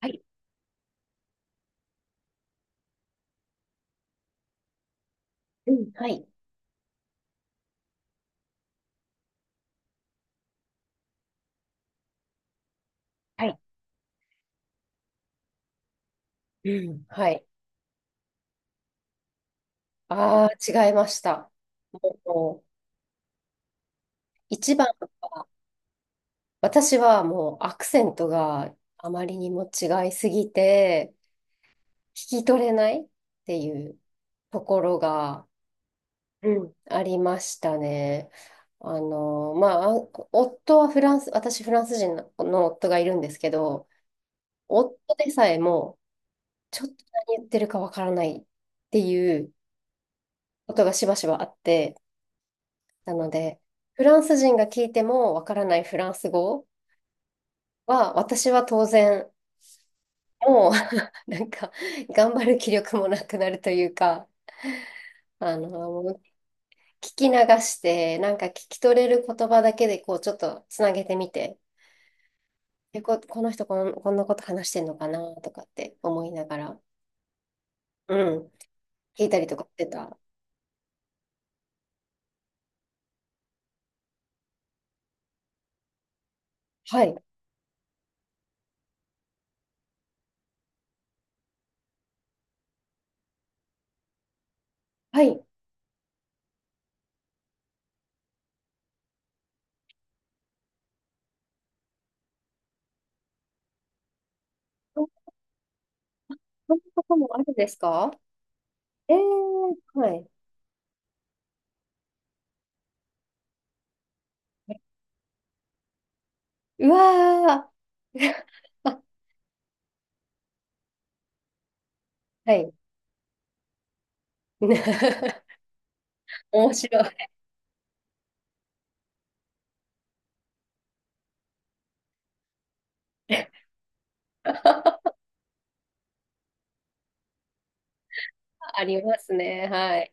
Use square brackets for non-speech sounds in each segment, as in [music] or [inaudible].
はい。うん、はい。はい。うん、はい。ああ、違いました。もう、一番、私はもうアクセントがあまりにも違いすぎて、聞き取れないっていうところが、うん、ありましたね。あの、まあ、あ夫はフランス、私フランス人の夫がいるんですけど、夫でさえも、ちょっと何言ってるかわからないっていうことがしばしばあって、なので、フランス人が聞いてもわからないフランス語は、私は当然、もう [laughs] なんか、頑張る気力もなくなるというか、あの、もう聞き流して、なんか聞き取れる言葉だけで、こう、ちょっとつなげてみて、で、この人こんなこと話してんのかなとかって思いながら、うん、聞いたりとかしてた。はい。はい。そそんなこともあるんですか？えー、はい。うわー。[laughs] はい。[laughs] 面白い。[laughs] ありますね。はい。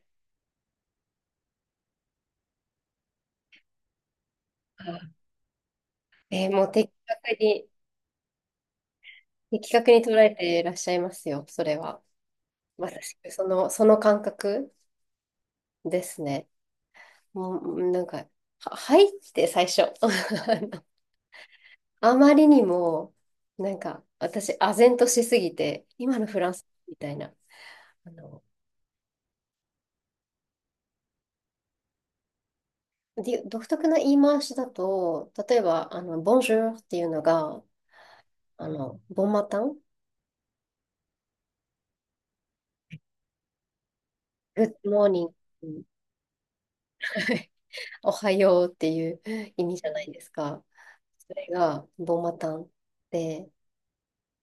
えーもう的確に、的確に捉えていらっしゃいますよ、それは。まさしく、その、その感覚ですね。もう、なんか、は、はいって最初。[laughs] あのあまりにも、なんか、私、唖然としすぎて、今のフランスみたいな、あの、で独特な言い回しだと、例えば、あの、ボンジュールっていうのが、あの、ボンマタン、グッドモーニング [laughs] はい、おはようっていう意味じゃないですか。それが、ボマタンで、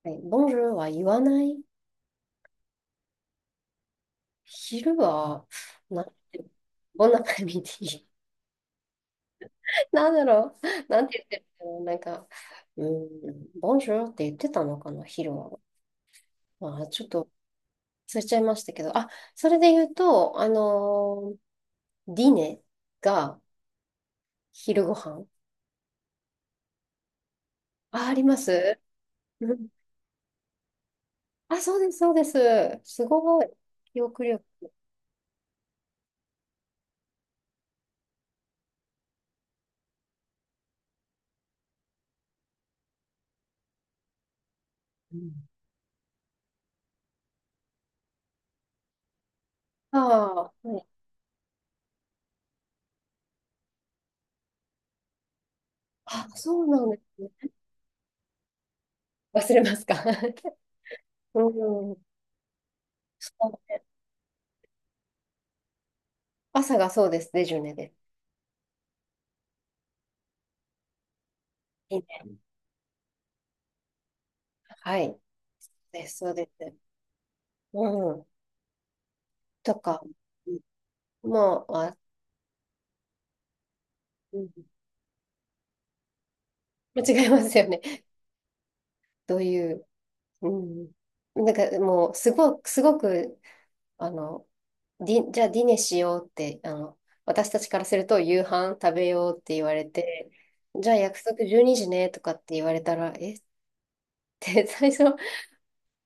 はい、ボンジュールは言わない。昼は、なんて、ボナカミティ。[laughs] なんだろう。なんて言ってるのなんか、うん、ボンジュールって言ってたのかな、昼は。まあ、ちょっと忘れちゃいましたけど。あ、それで言うと、ディネが昼ご飯。あ、あります。うん、あ、そうです、そうです。すごい。記憶力。うん、ああ、はい。あ、そうなんですね。忘れますか。[laughs] うん。そうね、朝がそうですね。デジュネで。いいね。はい。です、そうです。うん。とか、もう、あ、うん、間違いますよね。どういう、うん。なんかもう、すごく、すごく、あの、じゃあディネしようって、あの、私たちからすると夕飯食べようって言われて、じゃあ約束12時ねとかって言われたら、えって最初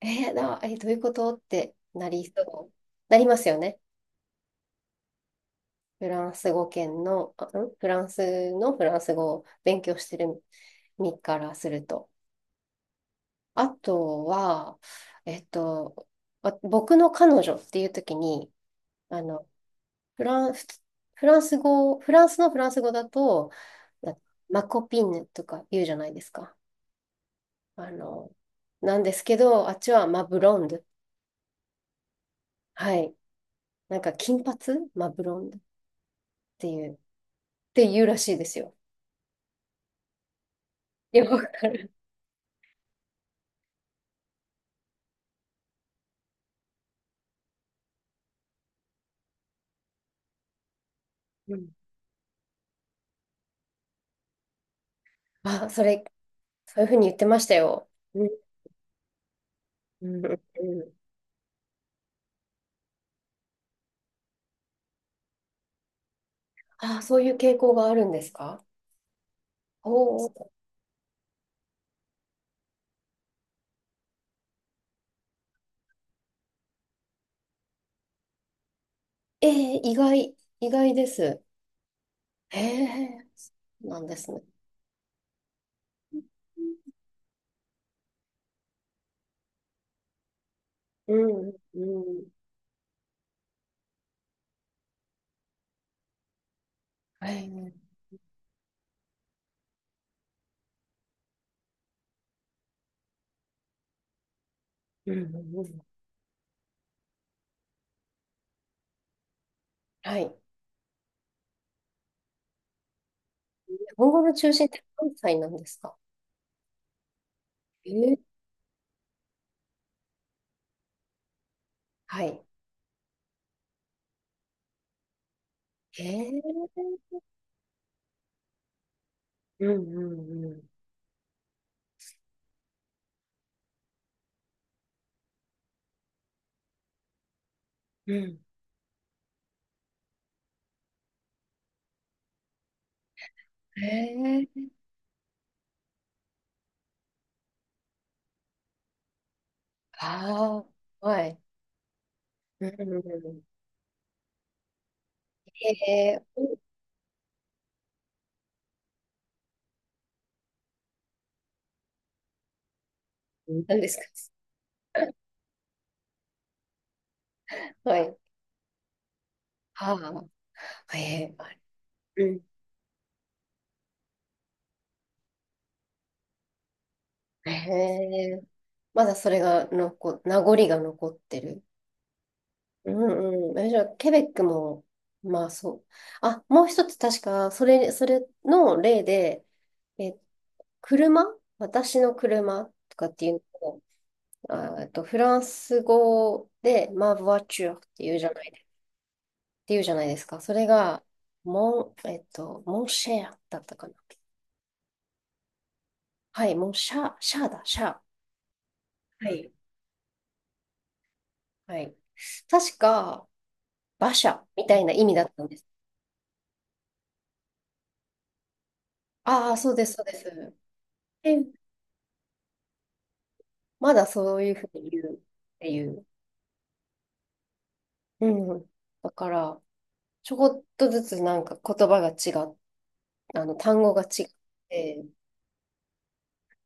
えーな、えどういうことってなりそう。なりますよね。フランスのフランス語を勉強してる身からすると。あとは、えっと、僕の彼女っていう時に、あの、フラン、フフランス語、フランスのフランス語だと、なマコピンヌとか言うじゃないですか。あの、なんですけど、あっちはマブロンド。はい。なんか金髪、マブロンドっていうって言うらしいですよ。よくわかる。うん。あ、それ、そういうふうに言ってましたよ。うん。うんうん、あ、そういう傾向があるんですか？おおー。ええ、意外、意外です。へえ、なんですね。うんうん、はい。うんうんうん、はい。日本語の中心って関西なんですか？えー、はい。えー、うんうんうんうん、えー、ああ、はい。うんうんうん、えー、うん、なんですか？はい。はあ、えー、うん。えー、ええ、まだそれが残、名残が残ってる。うんうん。え、じゃあ、ケベックも、まあそう。あ、もう一つ確か、それ、それの例で、え、車、私の車とかっていうのを、あ、えっと、フランス語で、ワチュ t っていうじゃないで、っていうじゃないですか。それが、モンシェアだったかな。はい、モンシャー、シャーだ、シャー。はい。はい。確か、馬車みたいな意味だったんです。ああ、そうです、そうです。え、まだそういうふうに言うっていう。うん。だから、ちょこっとずつなんか言葉が違う、あの、単語が違って、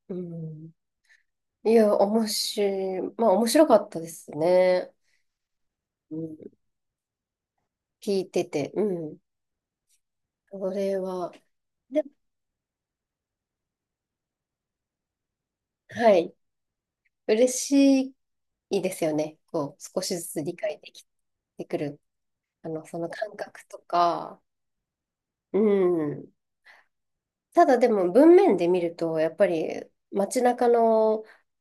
うん。いや、おもし、まあ、面白かったですね。うん。聞いてて、うん。これは、で、はい。嬉しいですよね。こう、少しずつ理解できてくる。あの、その感覚とか、うん。ただでも文面で見ると、やっぱり街中の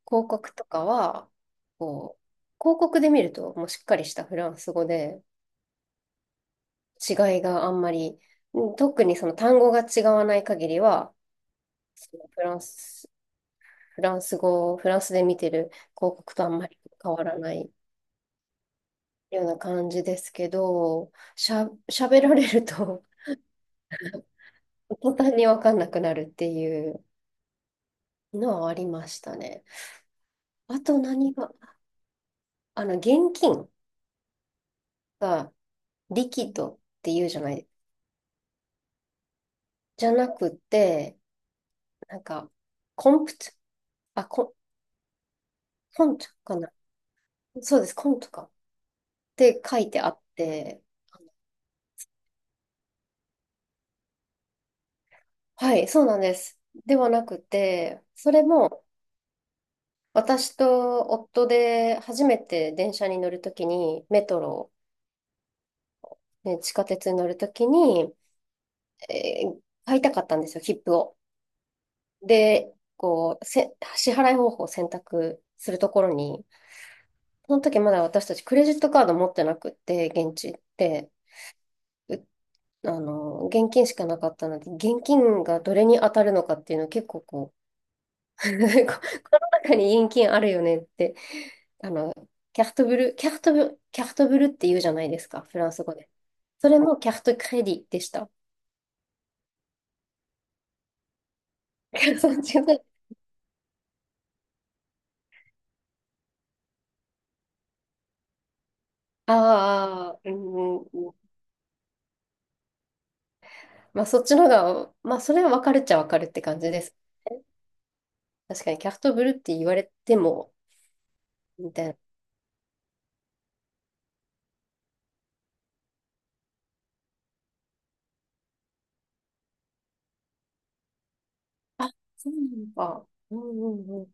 広告とかは、こう、広告で見るともうしっかりしたフランス語で違いがあんまり、うん、特にその単語が違わない限りは、そのフランス、フランス語、フランスで見てる広告とあんまり変わらないような感じですけど、喋られると [laughs] 途端にわかんなくなるっていうのはありましたね。あと何が、あの、現金がリキッドって言うじゃない、じゃなくて、なんか、コンプト、あ、コ、コントかな。そうです、コントか、って書いてあって、はい、そうなんです。ではなくて、それも、私と夫で初めて電車に乗るときに、メトロ、ね、地下鉄に乗るときに、えー買いたかったんですよ、切符を。で、こう、支払い方法を選択するところに、その時まだ私たちクレジットカード持ってなくって、現地って、う、あの、現金しかなかったので、現金がどれに当たるのかっていうのを結構こう、[laughs] この中に現金あるよねって、あの、キャフトブルって言うじゃないですか、フランス語で。それもキャフトクレディでした。[laughs] そっちの、ああ、うん、うん、まあそっちのが、まあそれは分かるっちゃ分かるって感じです。確かにキャフトブルって言われても、みたいな。あ、そうなのか。うんうんう